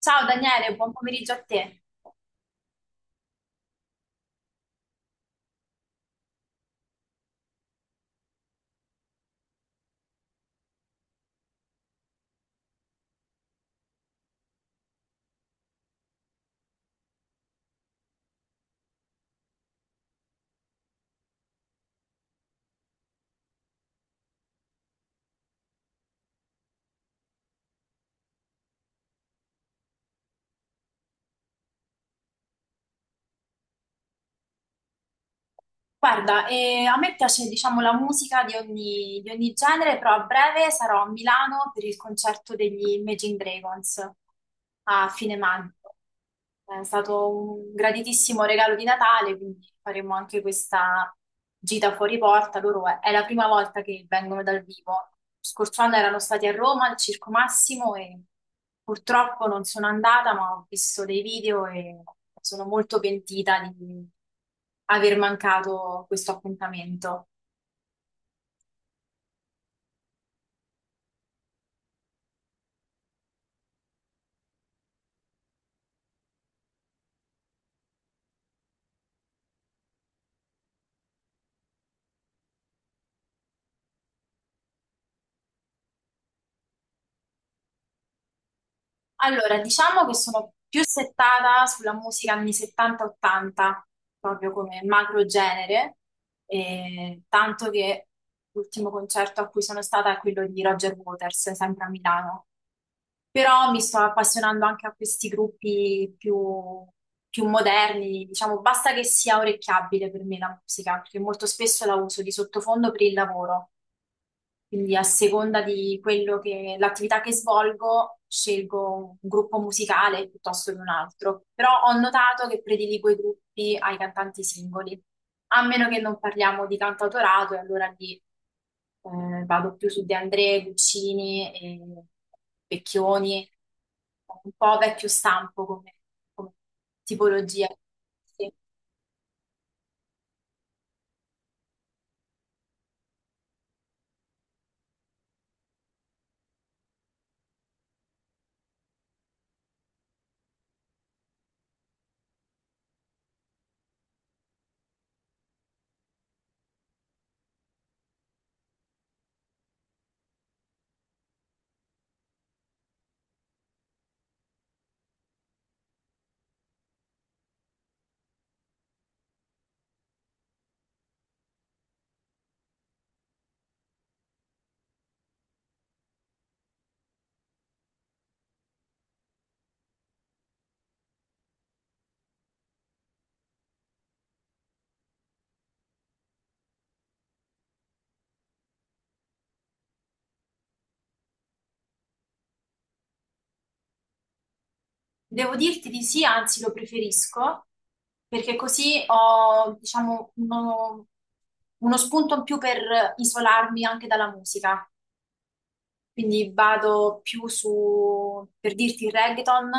Ciao Daniele, buon pomeriggio a te. Guarda, a me piace, diciamo, la musica di di ogni genere, però a breve sarò a Milano per il concerto degli Imagine Dragons a fine maggio. È stato un graditissimo regalo di Natale, quindi faremo anche questa gita fuori porta. Loro è la prima volta che vengono dal vivo. Lo scorso anno erano stati a Roma al Circo Massimo e purtroppo non sono andata, ma ho visto dei video e sono molto pentita di aver mancato questo appuntamento. Allora, diciamo che sono più settata sulla musica anni 70-80, proprio come macro genere, e tanto che l'ultimo concerto a cui sono stata è quello di Roger Waters, sempre a Milano. Però mi sto appassionando anche a questi più moderni, diciamo, basta che sia orecchiabile per me la musica, perché molto spesso la uso di sottofondo per il lavoro. Quindi a seconda di quello che l'attività che svolgo, scelgo un gruppo musicale piuttosto che un altro. Però ho notato che prediligo i gruppi ai cantanti singoli, a meno che non parliamo di cantautorato, e allora lì, vado più su De André, Guccini e Vecchioni, un po' vecchio stampo come tipologia. Sì. Devo dirti di sì, anzi lo preferisco, perché così ho, diciamo, uno spunto in più per isolarmi anche dalla musica. Quindi vado più su, per dirti, il reggaeton,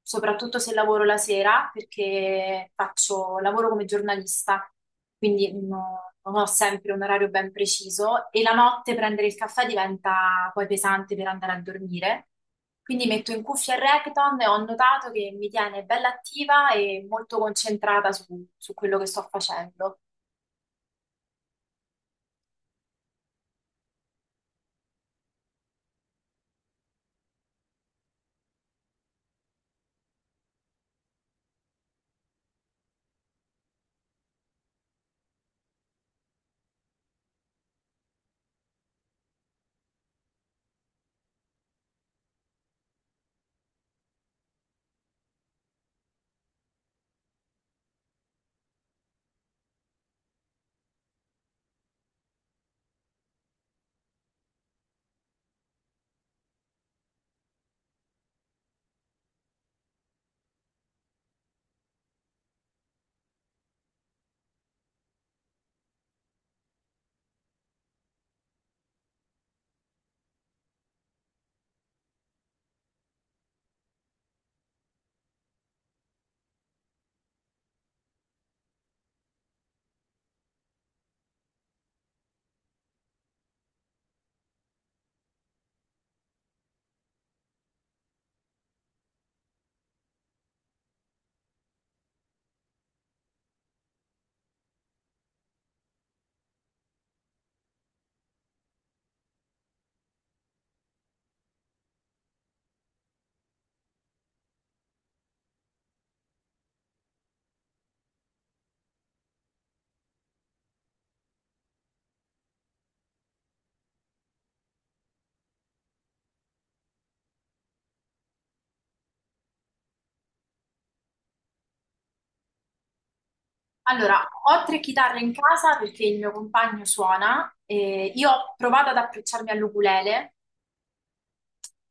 soprattutto se lavoro la sera, perché lavoro come giornalista, quindi non ho sempre un orario ben preciso e la notte prendere il caffè diventa poi pesante per andare a dormire. Quindi metto in cuffia il reggaeton e ho notato che mi tiene bella attiva e molto concentrata su quello che sto facendo. Allora, ho tre chitarre in casa perché il mio compagno suona. E io ho provato ad approcciarmi all'ukulele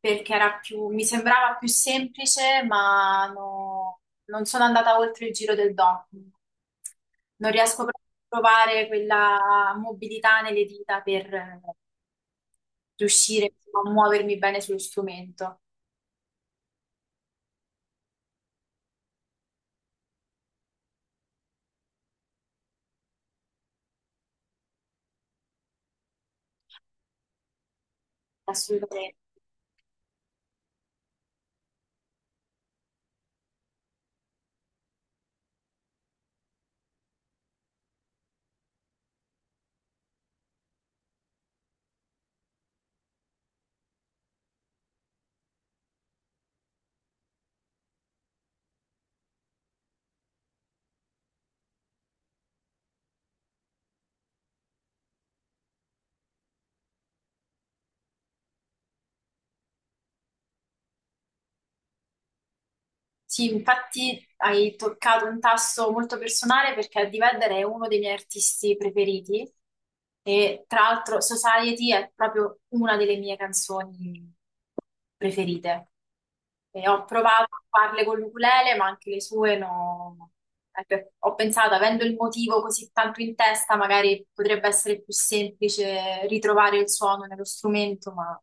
perché mi sembrava più semplice, ma non sono andata oltre il giro del do. Non riesco proprio a trovare quella mobilità nelle dita per riuscire insomma, a muovermi bene sullo strumento. Assolutamente. Sì, infatti hai toccato un tasto molto personale perché Eddie Vedder è uno dei miei artisti preferiti e tra l'altro Society è proprio una delle mie canzoni preferite. E ho provato a farle con l'ukulele, ma anche le sue no. Ecco, ho pensato, avendo il motivo così tanto in testa, magari potrebbe essere più semplice ritrovare il suono nello strumento, ma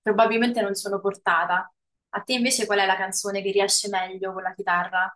probabilmente non sono portata. A te invece qual è la canzone che riesce meglio con la chitarra?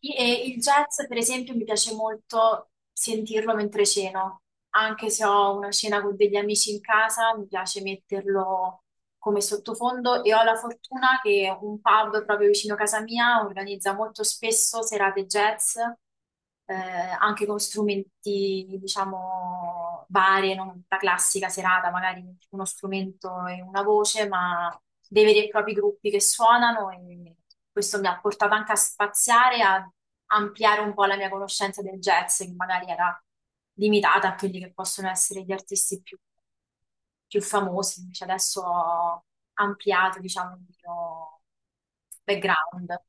E il jazz, per esempio, mi piace molto sentirlo mentre ceno. Anche se ho una cena con degli amici in casa, mi piace metterlo come sottofondo e ho la fortuna che un pub proprio vicino a casa mia organizza molto spesso serate jazz, anche con strumenti, diciamo, varie, non la classica serata, magari uno strumento e una voce, ma dei veri e propri gruppi che suonano e questo mi ha portato anche a spaziare, a ampliare un po' la mia conoscenza del jazz, che magari era limitata a quelli che possono essere gli artisti più famosi, invece adesso ho ampliato, diciamo, il mio background.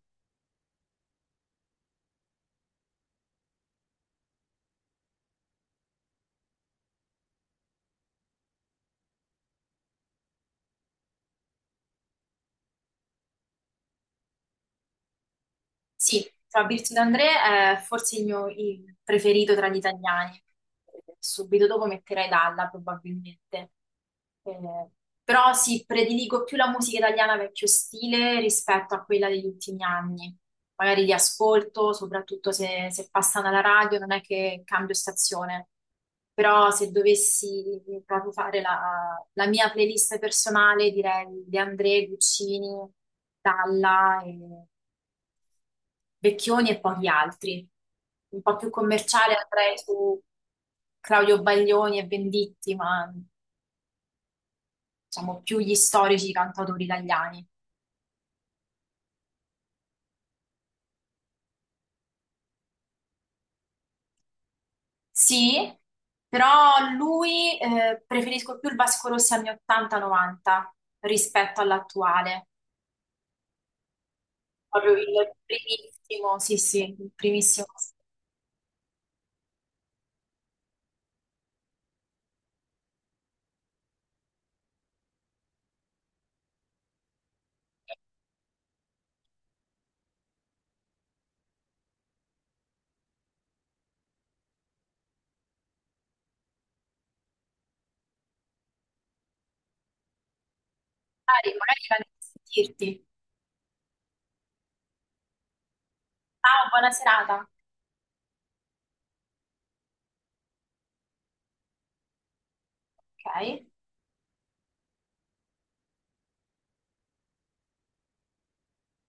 Sì, Fabrizio D'André è forse il preferito tra gli italiani. Subito dopo metterei Dalla, probabilmente. Eh, Però sì, prediligo più la musica italiana vecchio stile rispetto a quella degli ultimi anni. Magari li ascolto, soprattutto se passano alla radio, non è che cambio stazione. Però se dovessi proprio fare la mia playlist personale, direi De André, Guccini, Dalla Vecchioni e pochi altri. Un po' più commerciale andrei su Claudio Baglioni e Venditti, ma diciamo più gli storici cantautori italiani. Sì, però lui, preferisco più il Vasco Rossi anni 80-90 rispetto all'attuale. Proprio il primissimo, sì, sì, il primissimo. Dai, magari la sentirti. Ciao, buona serata. Ok.